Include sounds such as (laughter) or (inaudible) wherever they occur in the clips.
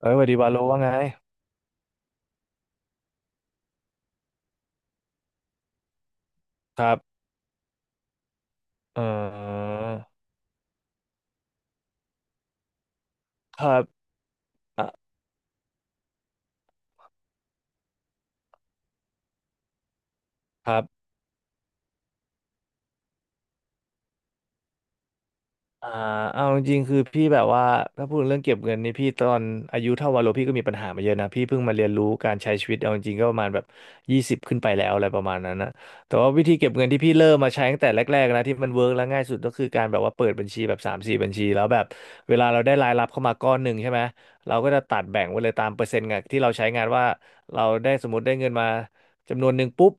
เอ้ยสวัสดีวาโลว่าไงครับ เอ่อครับอ่ะครับ อ่าเอาจริงๆคือพี่แบบว่าถ้าพูดเรื่องเก็บเงินนี่พี่ตอนอายุเท่าวาโลพี่ก็มีปัญหามาเยอะนะพี่เพิ่งมาเรียนรู้การใช้ชีวิตเอาจริงๆก็ประมาณแบบยี่สิบขึ้นไปแล้วอะไรประมาณนั้นนะแต่ว่าวิธีเก็บเงินที่พี่เริ่มมาใช้ตั้งแต่แรกๆนะที่มันเวิร์กและง่ายสุดก็คือการแบบว่าเปิดบัญชีแบบสามสี่บัญชีแล้วแบบเวลาเราได้รายรับเข้ามาก้อนหนึ่งใช่ไหมเราก็จะตัดแบ่งไว้เลยตามเปอร์เซ็นต์งานที่เราใช้งานว่าเราได้สมมติได้เงินมาจำนวนหนึ่งปุ๊บ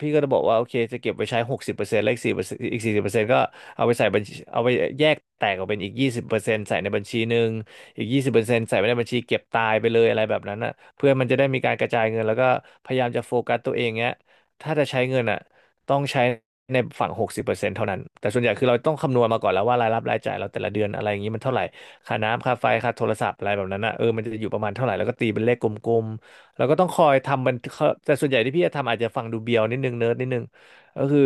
พี่ก็จะบอกว่าโอเคจะเก็บไว้ใช้หกสิบเปอร์เซ็นต์และอีก4%อีก40%ก็ เอาไปใส่บัญชีเอาไปแยกแตกออกเป็นอีกยี่สิบเปอร์เซ็นต์ใส่ในบัญชีหนึ่งอีกยี่สิบเปอร์เซ็นต์ใส่ไว้ในบัญชีเก็บตายไปเลยอะไรแบบนั้นอ่ะเพื่อมันจะได้มีการกระจายเงินแล้วก็พยายามจะโฟกัสตัวเองเงี้ยถ้าจะใช้เงินอ่ะต้องใช้ในฝั่งหกสิบเปอร์เซ็นต์เท่านั้นแต่ส่วนใหญ่คือเราต้องคำนวณมาก่อนแล้วว่ารายรับรายจ่ายเราแต่ละเดือนอะไรอย่างนี้มันเท่าไหร่ค่าน้ำค่าไฟค่าโทรศัพท์อะไรแบบนั้นอ่ะมันจะอยู่ประมาณเท่าไหร่แล้วก็ตีเป็นเลขกลมๆแล้วก็ต้องคอยทำมันเขาแต่ส่วนใหญ่ที่พี่จะทำอาจจะฟังดูเบียวนิดนึงเนิร์ดนิดนึงก็คือ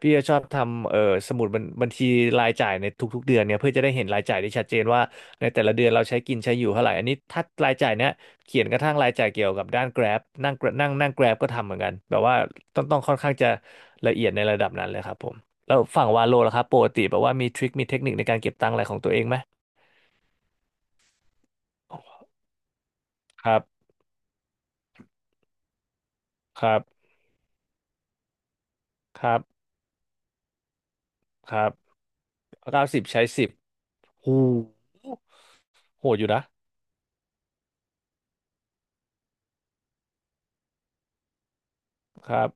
พี่จะชอบทำสมุดบัญชีรายจ่ายในทุกๆเดือนเนี่ยเพื่อจะได้เห็นรายจ่ายได้ชัดเจนว่าในแต่ละเดือนเราใช้กินใช้อยู่เท่าไหร่อันนี้ถ้ารายจ่ายเนี้ยเขียนกระทั่งรายจ่ายเกี่ยวกับด้าน Grab นั่ง Grab- นั่งนั่ง Grab ก็ทำเหมือนกันแบบว่าต้องค่อนข้างจะละเอียดในระดับนั้นเลยครับผมแล้วฝั่งวาโลล่ะครับปกติแบบว่ามีทริคมีเทคนิคในการเก็บตังค์อะไรของตัวเองไหมครับครับครับครับ90ใช้สิบหูโหดอยู่นะครับ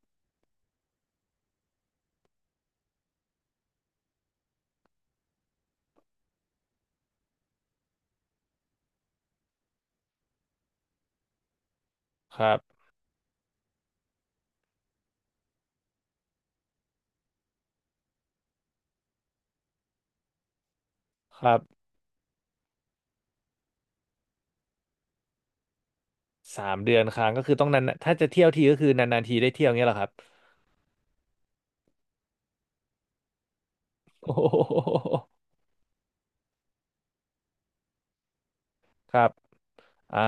ครับครับ 3 เดือนครั้งก็คือต้องนานๆถ้าจะเที่ยวทีก็คือนานๆทีได้เที่ยวเงี้ยเหรอครับโอ้โหครับอ่า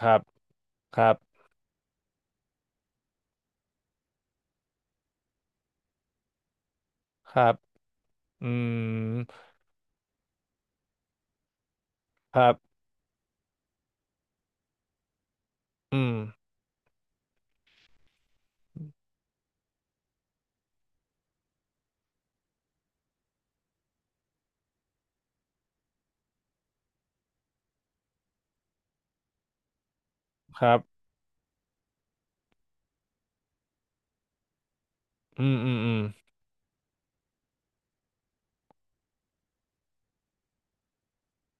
ครับครับครับอืมครับอืมครับอืมอืมอืม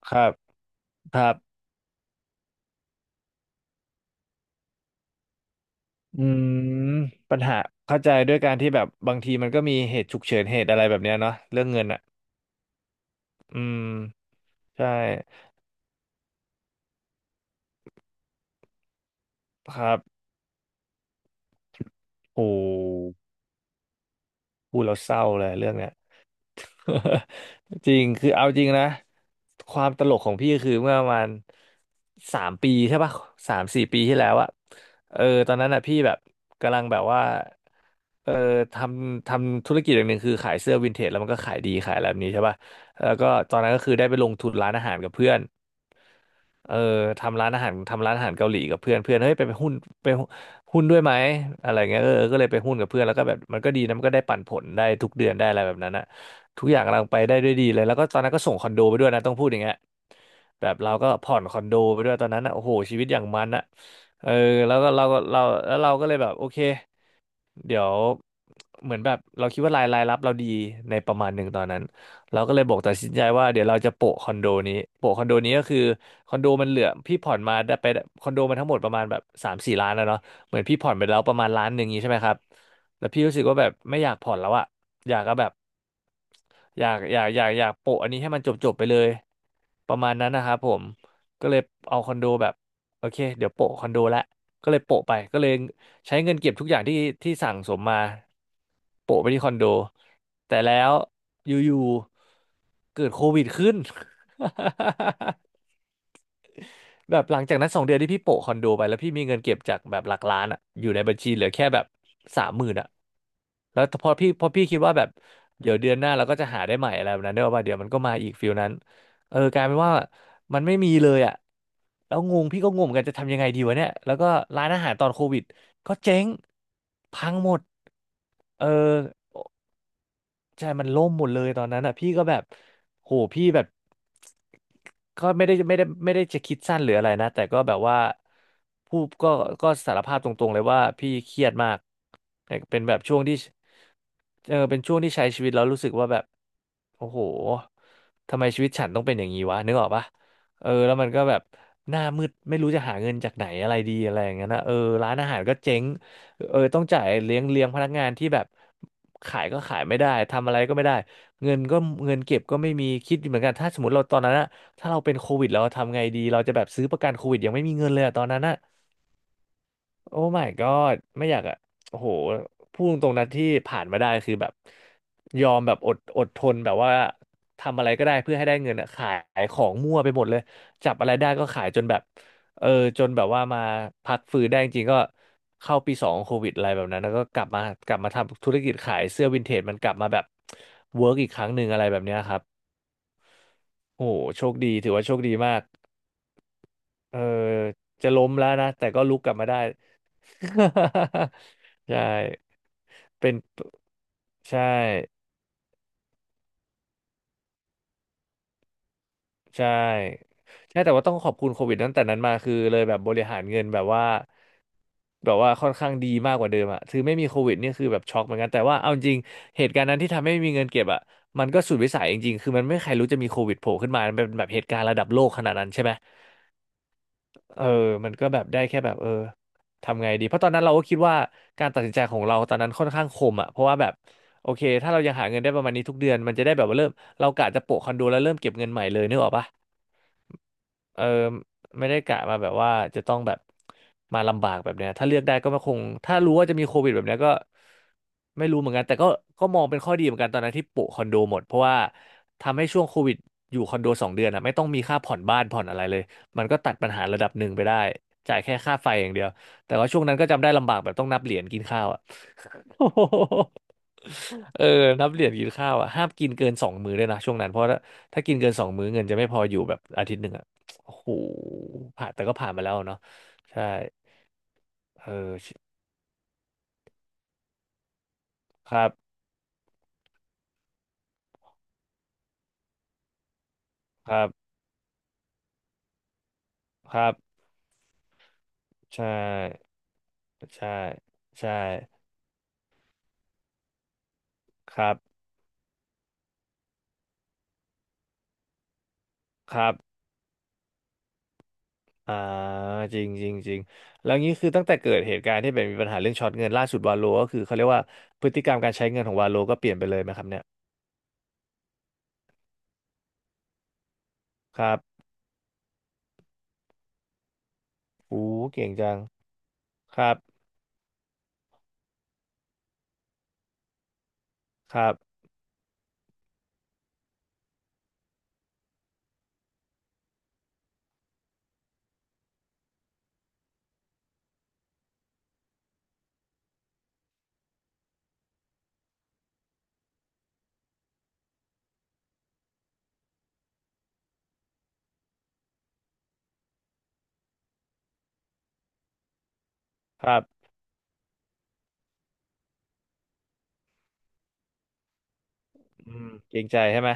ครับครับอืมปัญหาเข้าใจด้วยการที่แบบบางทีมันก็มีเหตุฉุกเฉินเหตุอะไรแบบเนี้ยเนาะเรื่องเงินอ่ะอืมใช่ครับโอ้พูดแล้วเศร้าเลยเรื่องเนี้ย (laughs) จริงคือเอาจริงนะความตลกของพี่คือเมื่อประมาณ3 ปีใช่ปะ3-4 ปีที่แล้วอะตอนนั้นอะพี่แบบกำลังแบบว่าเออททำธุรกิจอย่างหนึ่งคือขายเสื้อวินเทจแล้วมันก็ขายดีขายอะไรแบบนี้ใช่ปะแล้วก็ตอนนั้นก็คือได้ไปลงทุนร้านอาหารกับเพื่อน เออทำร้านอาหารทำร้านอาหารเกาหลีกับเพื่อนเพื่อนเฮ้ยไปหุ้นไปหุ้นด้วยไหมอะไรเงี้ยก็เลยไปหุ้นกับเพื่อนแล้วก็แบบมันก็ดีนะมันก็ได้ปันผลได้ทุกเดือนได้อะไรแบบนั้นอะทุกอย่างกำลังไปได้ด้วยดีเลยแล้วก็ตอนนั้นก็ส่งคอนโดไปด้วยนะต้องพูดอย่างเงี้ยแบบเราก็ผ่อนคอนโดไปด้วยตอนนั้นอะโอ้โหชีวิตอย่างมันอะเออแล้วก็เราก็เราแล้วเราก็เลยแบบโอเค เดี๋ยวเหมือนแบบเราคิดว่ารายรับเราดีในประมาณหนึ่งตอนนั้นเราก็เลยบอกตัดสินใจว่าเดี๋ยวเราจะโปะคอนโดนี้โปะคอนโดนี้ก็คือคอนโดมันเหลือพี่ผ่อนมาได้ไปคอนโดมันทั้งหมดประมาณแบบสามสี่ล้านแล้วเนาะเหมือนพี่ผ่อนไปแล้วประมาณล้านหนึ่งนี้ใช่ไหมครับแล้วพี่รู้สึกว่าแบบไม่อยากผ่อนแล้วอะอยากก็แบบอยากโปะอันนี้ให้มันจบไปเลยประมาณนั้นนะครับผมก็เลยเอาคอนโดแบบโอเคเดี๋ยวโปะคอนโดละก็เลยโปะไปก็เลย ใช้เงินเก็บทุกอย่างที่สั่งสมมาโปะไปที่คอนโดแต่แล้วอยู่ๆเกิดโควิดขึ้น (laughs) แบบหลังจากนั้นสองเดือนที่พี่โปะคอนโดไปแล้วพี่มีเงินเก็บจากแบบหลักล้านอะอยู่ในบัญชีเหลือแค่แบบสามหมื่นอ่ะแล้วพอพี่คิดว่าแบบเดี๋ยวเดือนหน้าเราก็จะหาได้ใหม่อะไรแบบนั้นเด้อะว่าเดี๋ยวมันก็มาอีกฟิลนั้นเออกลายเป็นว่ามันไม่มีเลยอ่ะแล้วงงพี่ก็งงเหมือนกันจะทำยังไงดีวะเนี่ยแล้วก็ร้านอาหารตอนโควิดก็เจ๊งพังหมดเออ ใช่มันล่มหมดเลยตอนนั้นอ่ะพี่ก็แบบโหพี่แบบก็ไม่ได้จะคิดสั้นหรืออะไรนะแต่ก็แบบว่าพูดก็สารภาพตรงๆเลยว่าพี่เครียดมากแต่เป็นแบบช่วงที่เออเป็นช่วงที่ใช้ชีวิตแล้วรู้สึกว่าแบบโอ้โหทำไมชีวิตฉันต้องเป็นอย่างนี้วะนึกออกปะเออแล้วมันก็แบบหน้ามืดไม่รู้จะหาเงินจากไหนอะไรดีอะไรอย่างเงี้ยนะเออร้านอาหารก็เจ๊ง เออต้องจ่ายเลี้ยงพนักงานที่แบบขายก็ขายไม่ได้ทำอะไรก็ไม่ได้เงินก็เงินเก็บก็ไม่มีคิดอยู่เหมือนกันถ้าสมมติเราตอนนั้นอะถ้าเราเป็นโควิดเราทำไงดีเราจะแบบซื้อประกันโควิดยังไม่มีเงินเลยอะตอนนั้นอะ โอ้ my god ไม่อยากอะโอ้โหพูดตรงๆนะที่ผ่านมาได้คือแบบยอมแบบอดทนแบบว่าทำอะไรก็ได้เพื่อให้ได้เงินอะขายของมั่วไปหมดเลยจับอะไรได้ก็ขายจนแบบเออจนแบบว่ามาพักฟื้นได้จริงๆก็เข้าปีสองโควิดอะไรแบบนั้นแล้วก็กลับมากลับมาทำธุรกิจขายเสื้อวินเทจมันกลับมาแบบเวิร์กอีกครั้งหนึ่งอะไรแบบเนี้ยครับโอ้โหโชคดีถือว่าโชคดีมาก เออจะล้มแล้วนะแต่ก็ลุกกลับมาได้ (laughs) ใช่เป็นใช่ใช่ใช่แต่ว่าต้องขอบคุณโควิดตั้งแต่นั้นมาคือเลยแบบบริหารเงินแบบว่าแบบว่าค่อนข้างดีมากกว่าเดิมอะคือไม่มีโควิดนี่คือแบบช็อกเหมือนกันแต่ว่าเอาจริงเหตุการณ์นั้นที่ทำให้ไม่มีเงินเก็บอะมันก็สุดวิสัยจริงๆคือมันไม่มีใครรู้จะมีโควิดโผล่ขึ้นมามันเป็นแบบเหตุการณ์ระดับโลกขนาดนั้นใช่ไหม เออมันก็แบบได้แค่แบบเออทำไงดี เพราะตอนนั้นเราก็คิดว่าการตัดสินใจของเราตอนนั้นค่อนข้างคมอ่ะเพราะว่าแบบโอเคถ้าเรายังหาเงินได้ประมาณนี้ทุกเดือน มันจะได้แบบว่าเริ่มเรากะจะโปะคอนโดแล้วเริ่มเก็บเงินใหม่เลยนึกออกปะ เออไม่ได้กะมาแบบว่าจะต้องแบบมาลำบากแบบเนี้ยถ้าเลือกได้ก็ไม่คงถ้ารู้ว่าจะมีโควิดแบบเนี้ยก็ไม่รู้เหมือนกันแต่ก็ก็มองเป็นข้อดีเหมือนกันตอนนั้นที่โปะคอนโดหมดเพราะว่าทำให้ช่วงโควิดอยู่คอนโดสองเดือนอ่ะไม่ต้องมีค่าผ่อนบ้านผ่อนอะไรเลยมันก็ตัดปัญหาระดับหนึ่งไปได้จ่ายแค่ค่าไฟอย่างเดียวแต่ว่าช่วงนั้นก็จำได้ลำบากแบบต้องนับเหรียญกินข้าวอ่ะ โอ้โหเออนับเหรียญกินข้าวอ่ะห้ามกินเกินสองมื้อเลยนะช่วงนั้นเพราะถ้ากินเกินสองมื้อเงินจะไม่พออยู่แบบอาทิตย์หนึ่งอ่ะโอ้โหผ่านแต่ก็ผ่านมาแล้วเนาะใช่เออครับครับครับใช่ใช่ใช่ครับครับอ่าจริงจริงจริงแล้วงี้คือตั้งแต่เกิดเหตุการณ์ที่แบบมีปัญหาเรื่องช็อตเงินล่าสุดวาโลก็คือเขาเรียกว่าพฤติกรรมการใช้เงินของวาโลก็เปลี่ยนไปเลยไหมครับเนี่ยครับอู้เก่งจังครับครับ ครับอืมเกรงใจใช่ไหม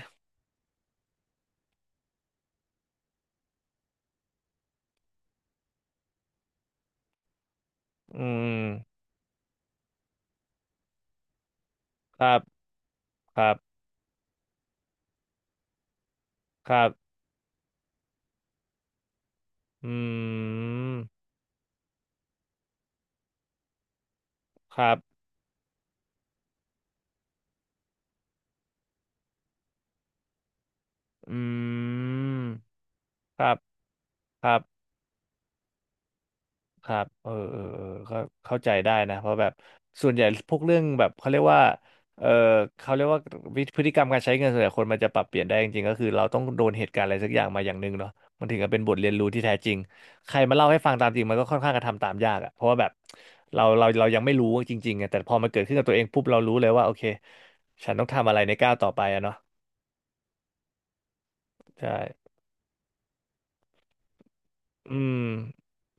อืมครับ ครับ ครับอืมครับอืมครับ ครับ ครับเออเออเออก็เข้าใจได้นะเพราะแบบส่วนใหญ่พวกเรื่องแบบเขาเรียกว่าเออเขาเรียกว่าวิพฤติกรรมการใช้เงินส่วนใหญ่คนมันจะปรับเปลี่ยนได้จริงๆก็คือเราต้องโดนเหตุการณ์อะไรสักอย่างมาอย่างหนึ่งเนาะมันถึงจะเป็นบทเรียนรู้ที่แท้จริงใครมาเล่าให้ฟังตามจริงมันก็ค่อนข้างกระทำตามยากอะเพราะว่าแบบเรายังไม่รู้จริงๆไงแต่พอมันเกิดขึ้นกับตัวเองปุ๊บเรารู้เลยว่าโอเคฉันต้องทำอะไรในก้าวต่อไปอะเนาะใช่ อืม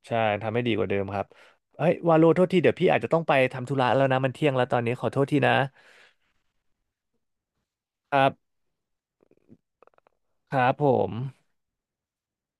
ใช่ทำให้ดีกว่าเดิมครับเฮ้ยวาโลโทษทีเดี๋ยวพี่อาจจะต้องไปทำธุระแล้วนะมันเที่ยงแล้วตอนนี้ขอโทษทีนะครับครับผม